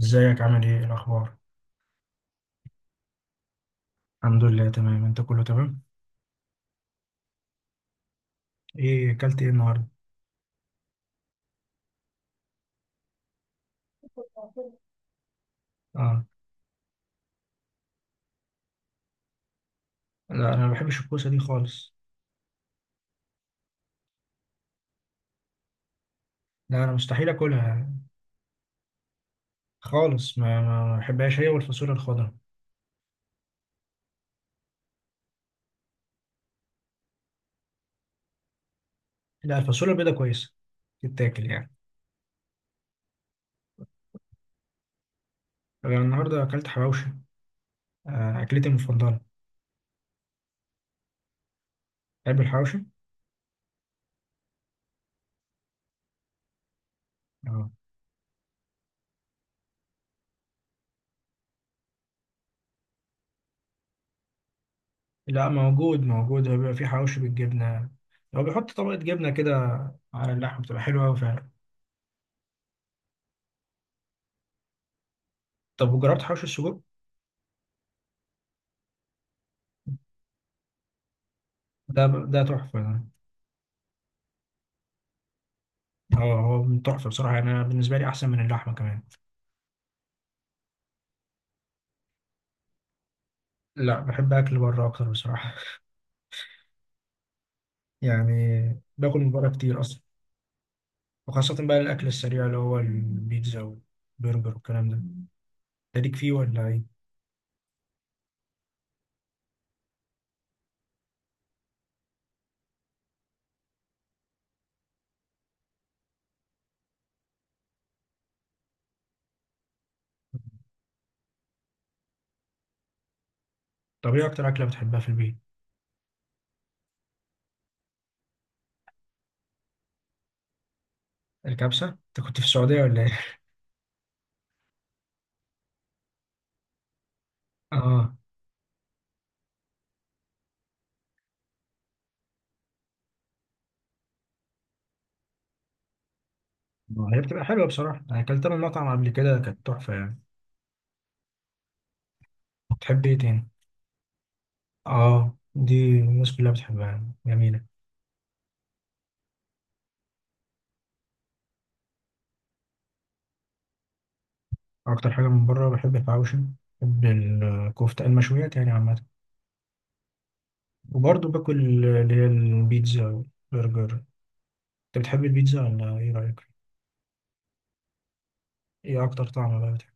ازيك، عامل ايه؟ إيه الاخبار؟ الحمد لله تمام. انت كله تمام؟ ايه اكلت ايه النهارده؟ اه. لا انا ما بحبش الكوسه دي خالص. لا انا مستحيل اكلها خالص. ما بحبهاش هي والفاصوليا الخضراء. لا الفاصوليا البيضاء كويسه، تتاكل يعني. انا النهارده اكلت حواوشي. آه اكلتي المفضله. تحب الحواوشي؟ اه. لا موجود، هو بيبقى فيه حواوشي بالجبنه. هو بيحط طبقه جبنه كده على اللحم، بتبقى حلوه قوي فعلا. طب وجربت حواوشي السجق؟ ده ده تحفه ده. هو من تحفة بصراحة، يعني أنا بالنسبة لي أحسن من اللحمة كمان. لا بحب أكل بره أكتر بصراحة. يعني باكل من بره كتير أصلا، وخاصة بقى الأكل السريع اللي هو البيتزا والبرجر والكلام ده. أنت ليك فيه ولا إيه؟ طب إيه أكتر أكلة بتحبها في البيت؟ الكبسة؟ أنت كنت في السعودية ولا إيه؟ آه. ما هي بتبقى حلوة بصراحة، أنا أكلتها من مطعم قبل كده كانت تحفة يعني. بتحب إيه تاني؟ آه دي الناس كلها بتحبها، جميلة. أكتر حاجة من بره بحب الحواوشي، بحب الكفتة، المشويات يعني عامة، وبرضه باكل اللي هي البيتزا، برجر. انت بتحب البيتزا ولا ايه رأيك؟ ايه اكتر طعم بقى بتحب؟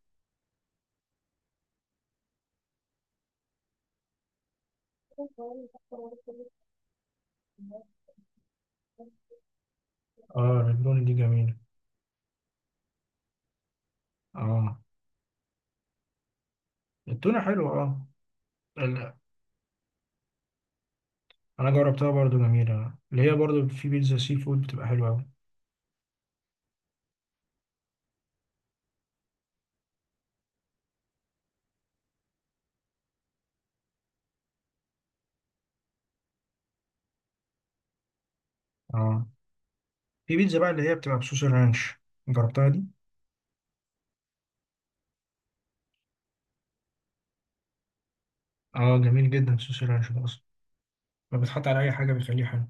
اه الريبروني دي جميلة. اه التونة حلوة اه. ال- انا جربتها برضه، جميلة، اللي هي برضه في بيتزا سي فود بتبقى حلوة اوي. اه في بيتزا بقى اللي هي بتبقى بصوص الرانش، جربتها دي؟ اه جميل جدا صوص الرانش ده اصلا، ما بتحط على اي حاجة بيخليه حلو.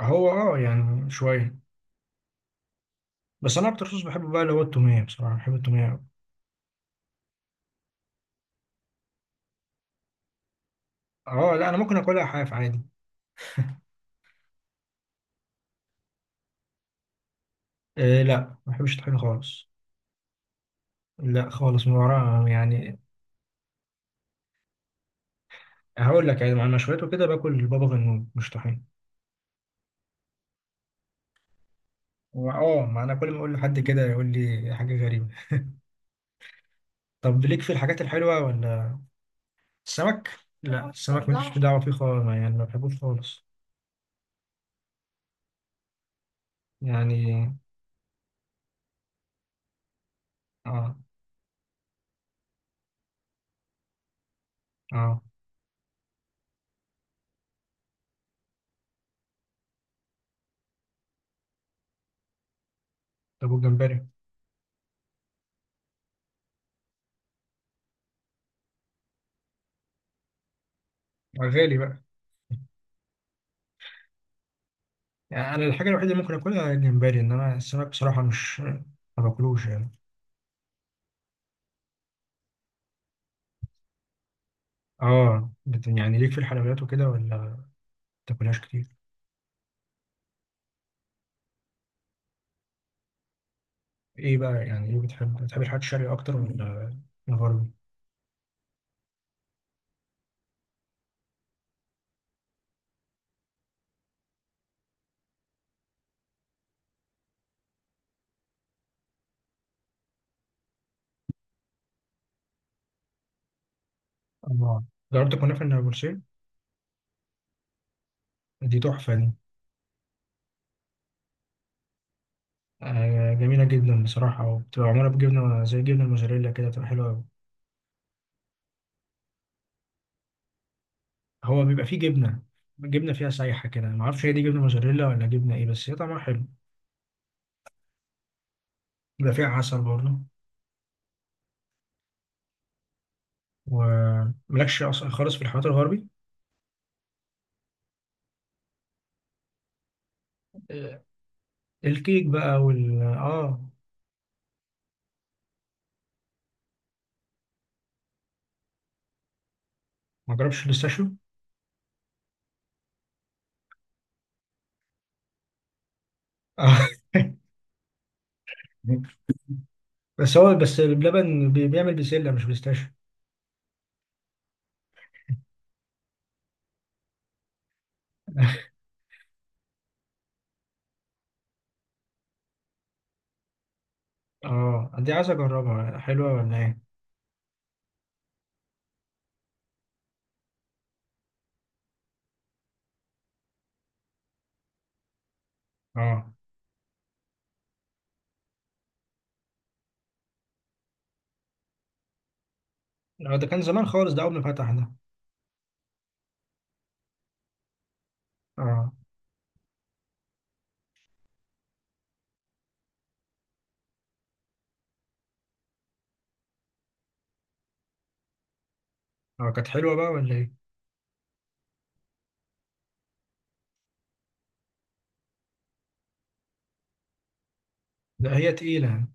هو اه يعني شوية، بس انا اكتر صوص بحبه بقى اللي هو التومية، بصراحة بحب التومية اوي. اه لا انا ممكن اكلها حاف عادي. إيه لا، ما بحبش الطحينة خالص. لا خالص، من ورا يعني. هقول لك، يعني مع المشويات وكده باكل بابا غنوج مش طحينة. ما انا كل ما اقول لحد كده يقول لي حاجة غريبة. طب ليك في الحاجات الحلوة ولا؟ السمك؟ لا السمك ماليش دعوة فيه خالص، يعني ما بحبوش خالص يعني. اه اه. طب والجمبري؟ آه، غالي بقى يعني. انا الحاجه الوحيده اللي ممكن اكلها الجمبري، انما السمك بصراحه مش ما باكلوش يعني. اه يعني ليك في الحلويات وكده ولا ما بتاكلهاش كتير؟ ايه بقى يعني، ايه بتحب؟ الحاجات الشرقي اكتر ولا الغربي؟ الله. جربت الكنافه النابلسية؟ دي تحفه دي. آه جميله جدا بصراحه، وبتبقى معموله بجبنه زي الجبنه الموزاريلا كده، بتبقى حلوه أوي. هو بيبقى فيه جبنه، جبنه فيها سايحه كده، ما اعرفش هي دي جبنه موزاريلا ولا جبنه ايه، بس هي طعمها حلو. بيبقى فيها عسل برضه. وملكش اصلا خالص في الحوارات الغربي؟ آه، الكيك بقى وال اه. ما جربش الاستاشيو. بس هو بس بلبن بيعمل بسله مش بيستاشيو. اه دي عايز اجربها، حلوة ولا ايه؟ اه لا، ده كان زمان خالص، ده اول ما فتح ده. اه. اه كانت حلوة بقى ولا ايه؟ لا هي تقيلة،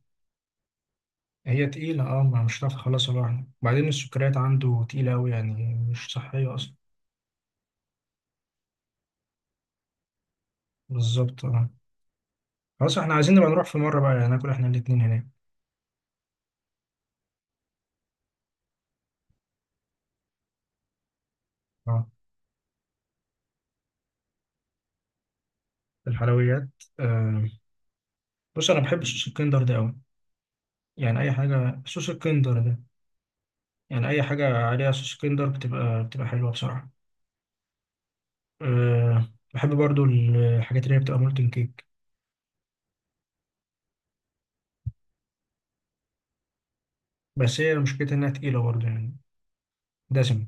هي تقيلة اه، ما مش هتعرف تخلصها لوحدك، وبعدين السكريات عنده تقيلة اوي يعني، مش صحية اصلا. بالظبط اه. خلاص احنا عايزين نبقى نروح في مرة بقى، يعني ناكل احنا الاتنين هناك. اه. الحلويات. آه. بص انا بحب صوص الكندر ده اوي، يعني اي حاجة صوص الكندر ده، يعني اي حاجة عليها صوص كندر بتبقى، بتبقى حلوة بصراحة. أه بحب برضو الحاجات اللي هي بتبقى مولتن كيك. بس هي مشكلتها انها تقيلة برضو يعني، دسمة.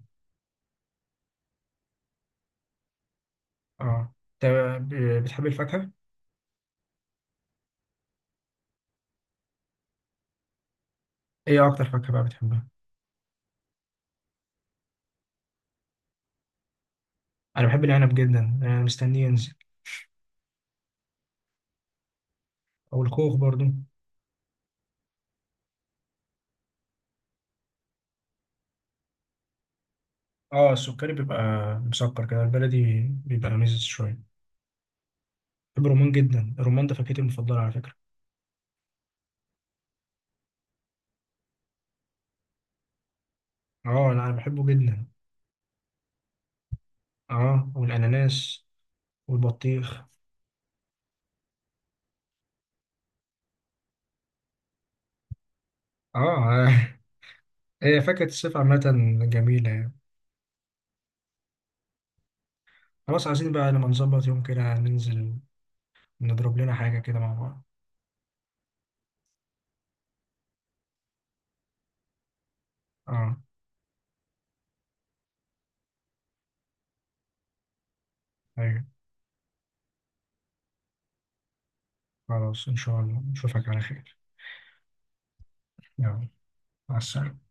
اه. انت بتحب الفاكهة؟ ايه اكتر فاكهة بقى بتحبها؟ انا بحب العنب جدا، انا مستنيه ينزل. او الخوخ برضو. اه السكري بيبقى مسكر كده، البلدي بيبقى مزز شوية. بحب الرمان جدا، الرمان ده فاكهتي المفضلة على فكرة. اه لا انا بحبه جدا. اه والاناناس والبطيخ. اه. هي فاكهة الصيف عامة جميلة يعني. خلاص عايزين بقى لما نظبط يوم كده ننزل، نضرب لنا حاجة كده مع بعض. اه ايوه. خلاص ان شاء الله نشوفك على خير. يلا، مع السلامة.